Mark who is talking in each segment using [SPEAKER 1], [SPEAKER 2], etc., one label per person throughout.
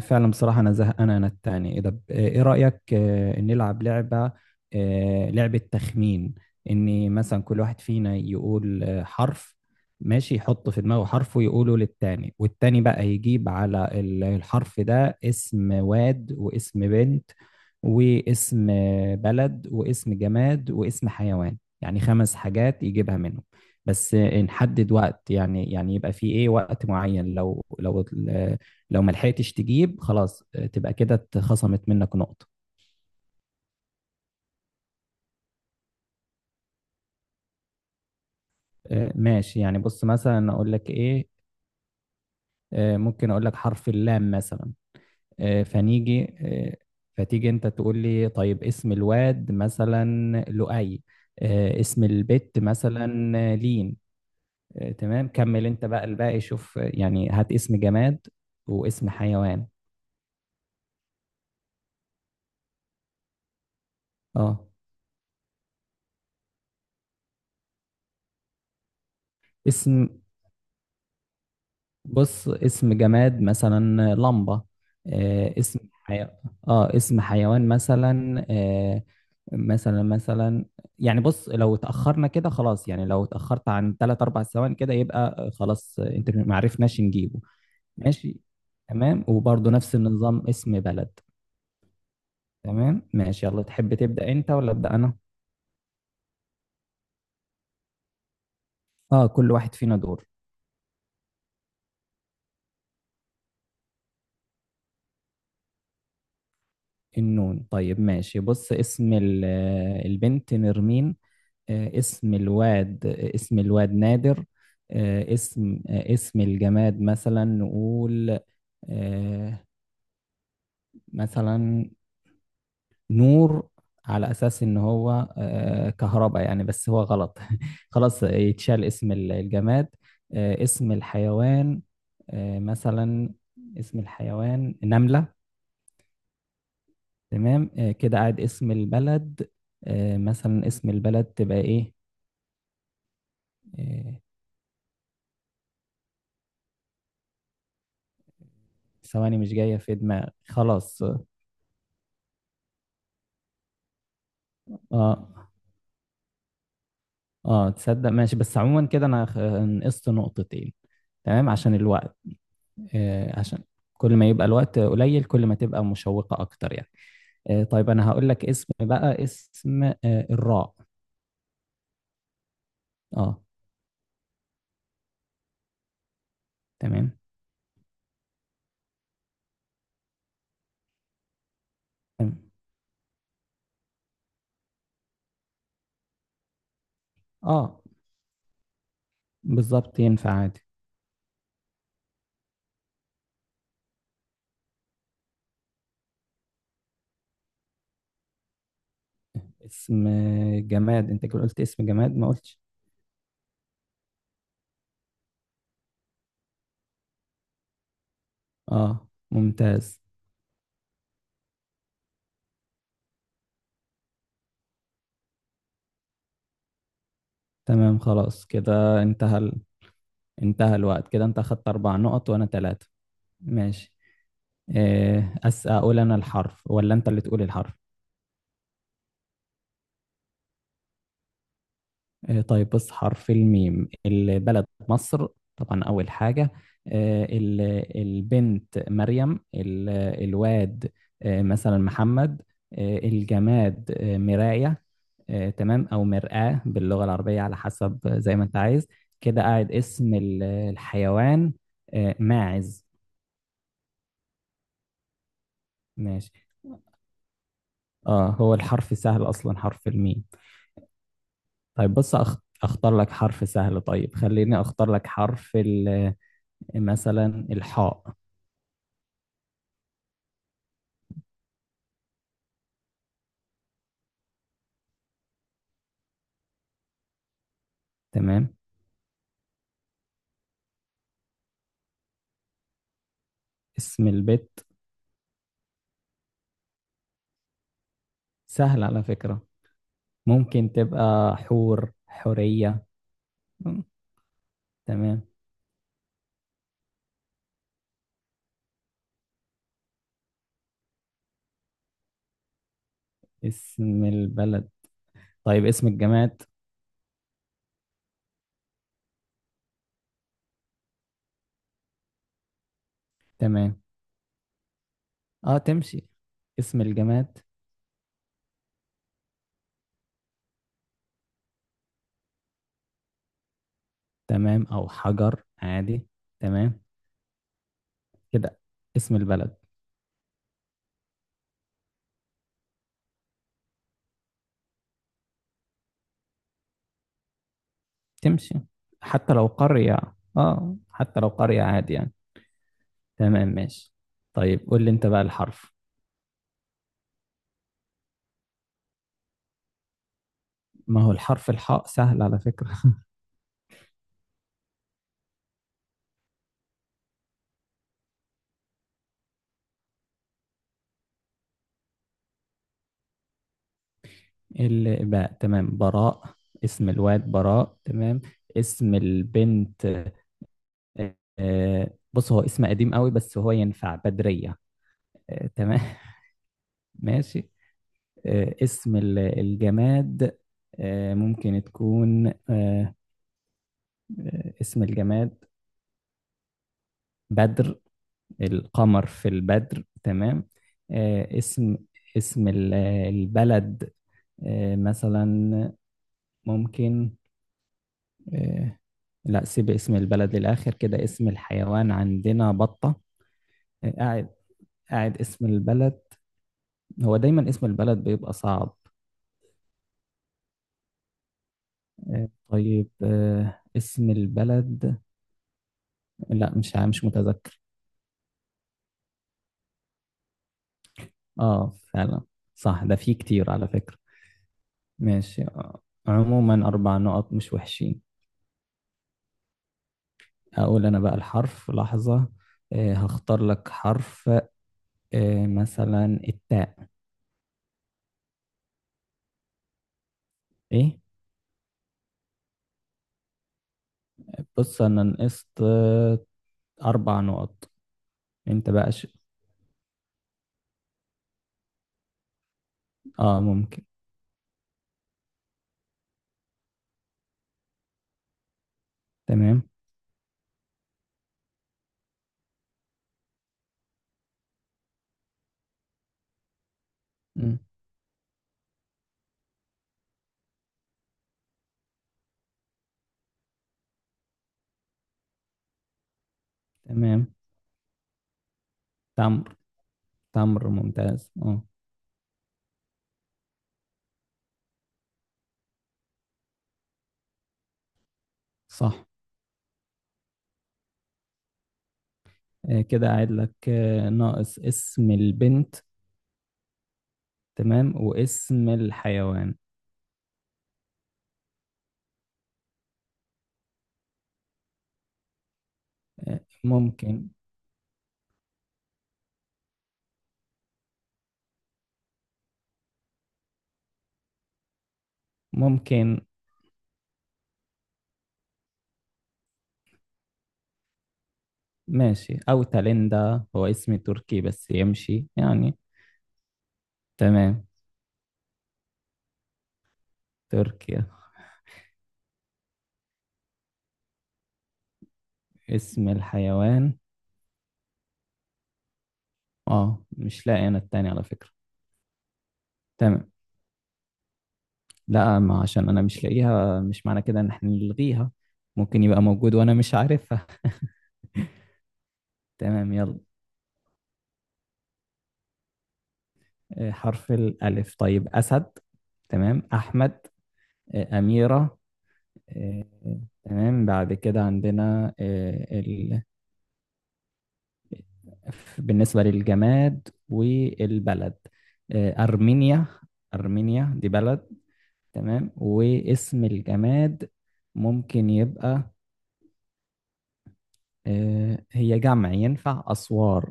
[SPEAKER 1] فعلا بصراحة، أنا زهقان. أنا التاني. إيه رأيك، نلعب لعبة؟ لعبة تخمين، إن مثلا كل واحد فينا يقول حرف. ماشي، يحط في دماغه حرف ويقوله للتاني، والتاني بقى يجيب على الحرف ده اسم واد واسم بنت واسم بلد واسم جماد واسم حيوان، يعني خمس حاجات يجيبها منهم. بس نحدد وقت، يعني يبقى في إيه وقت معين. لو ما لحقتش تجيب، خلاص تبقى كده اتخصمت منك نقطة. ماشي يعني. بص مثلا، اقول لك ايه، ممكن اقول لك حرف اللام مثلا. آه، فنيجي آه، فتيجي انت تقول لي، طيب اسم الواد مثلا؟ لؤي. اسم البت مثلا؟ لين. تمام، كمل انت بقى الباقي. شوف يعني، هات اسم جماد واسم حيوان. اه، اسم، بص اسم جماد مثلا لمبة. آه، اسم حي... اه، اسم حيوان مثلا. مثلا مثلا يعني بص، لو اتأخرنا كده خلاص، يعني لو اتأخرت عن 3 4 ثواني كده، يبقى خلاص، انت ما عرفناش نجيبه. ماشي. تمام، وبرضه نفس النظام اسم بلد. تمام ماشي، يلا تحب تبدأ انت ولا أبدأ انا؟ اه، كل واحد فينا دور. النون، طيب ماشي، بص اسم البنت نرمين. اسم الواد نادر. اسم الجماد مثلا نقول آه، مثلا نور، على اساس ان هو كهرباء يعني، بس هو غلط. خلاص يتشال اسم الجماد. اسم الحيوان مثلا، اسم الحيوان نملة. تمام، كده قاعد اسم البلد. مثلا، اسم البلد تبقى ايه؟ آه، ثواني، مش جاية في دماغي خلاص. اه، اه تصدق، ماشي، بس عموما كده انا نقصت نقطتين. تمام، عشان الوقت. آه، عشان كل ما يبقى الوقت قليل، كل ما تبقى مشوقة اكتر يعني. آه، طيب انا هقول لك اسم، بقى اسم آه، الراء. اه تمام. تمام. اه بالظبط، ينفع عادي. اسم جماد؟ انت كده قلت اسم جماد، ما قلتش. اه ممتاز. تمام خلاص، كده انتهى الوقت. كده انت اخدت 4 نقط وانا 3. ماشي. آه، أس أقول أنا الحرف ولا أنت اللي تقول الحرف؟ طيب بص، حرف الميم. البلد مصر طبعا، أول حاجة. آه، ال- البنت مريم. الواد مثلا محمد. الجماد مراية، تمام، أو مرآة باللغة العربية على حسب زي ما أنت عايز. كده قاعد اسم الحيوان ماعز. ماشي. اه، هو الحرف سهل أصلا، حرف الميم. طيب بص، اختار لك حرف سهل، طيب خليني اختار لك مثلا الحاء. تمام. اسم البيت سهل على فكرة. ممكن تبقى حور، حورية. مم، تمام. اسم البلد؟ طيب اسم الجماد؟ تمام، اه تمشي. اسم الجماد تمام، او حجر عادي. تمام. كده اسم البلد. تمشي حتى لو قرية. اه، حتى لو قرية عادي يعني. تمام ماشي. طيب قول لي انت بقى الحرف. ما هو الحرف الحاء سهل على فكرة. الباء. تمام، براء. اسم الواد براء. تمام. اسم البنت، بص، هو اسم قديم قوي بس هو ينفع، بدرية. تمام. ماشي. اسم الجماد. آه، ممكن تكون آه، آه، اسم الجماد بدر. القمر في البدر. تمام. آه، اسم اسم البلد مثلا، ممكن آه، لا، سيب اسم البلد للآخر. كده اسم الحيوان عندنا بطة. آه، قاعد قاعد اسم البلد. هو دايما اسم البلد بيبقى صعب. طيب اسم البلد، لا مش عا- مش متذكر. اه فعلا، صح، ده فيه كتير على فكرة. ماشي، عموما أربع نقط مش وحشين. أقول أنا بقى الحرف. لحظة، هختار لك حرف، مثلا التاء. إيه؟ بص أنا نقصت 4 نقط. أنت بقى آه ممكن. تمام. مم. تمام تمر. تمر ممتاز، اه صح. كده قاعد لك ناقص اسم البنت. تمام، واسم الحيوان. آه، ممكن ممكن ماشي، او تاليندا، هو اسم تركي بس يمشي يعني. تمام، تركيا. اسم الحيوان اه مش لاقي انا التاني على فكرة. تمام. لا، ما عشان انا مش لاقيها مش معنى كده ان احنا نلغيها. ممكن يبقى موجود وانا مش عارفها. تمام يلا. حرف الألف. طيب، أسد. تمام، أحمد. أميرة. آه، تمام. بعد كده عندنا بالنسبة للجماد والبلد، أرمينيا. أرمينيا دي بلد. تمام. واسم الجماد ممكن يبقى هي جمع، ينفع أسوار.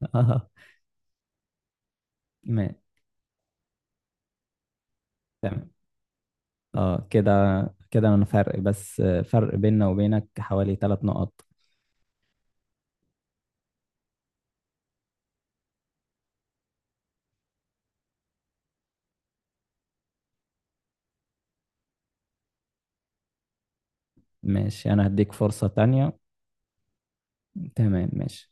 [SPEAKER 1] ما- تمام. اه كده، كده انا فرق، بس فرق بيننا وبينك حوالي 3 نقط. ماشي، انا هديك فرصة تانية. تمام ماشي.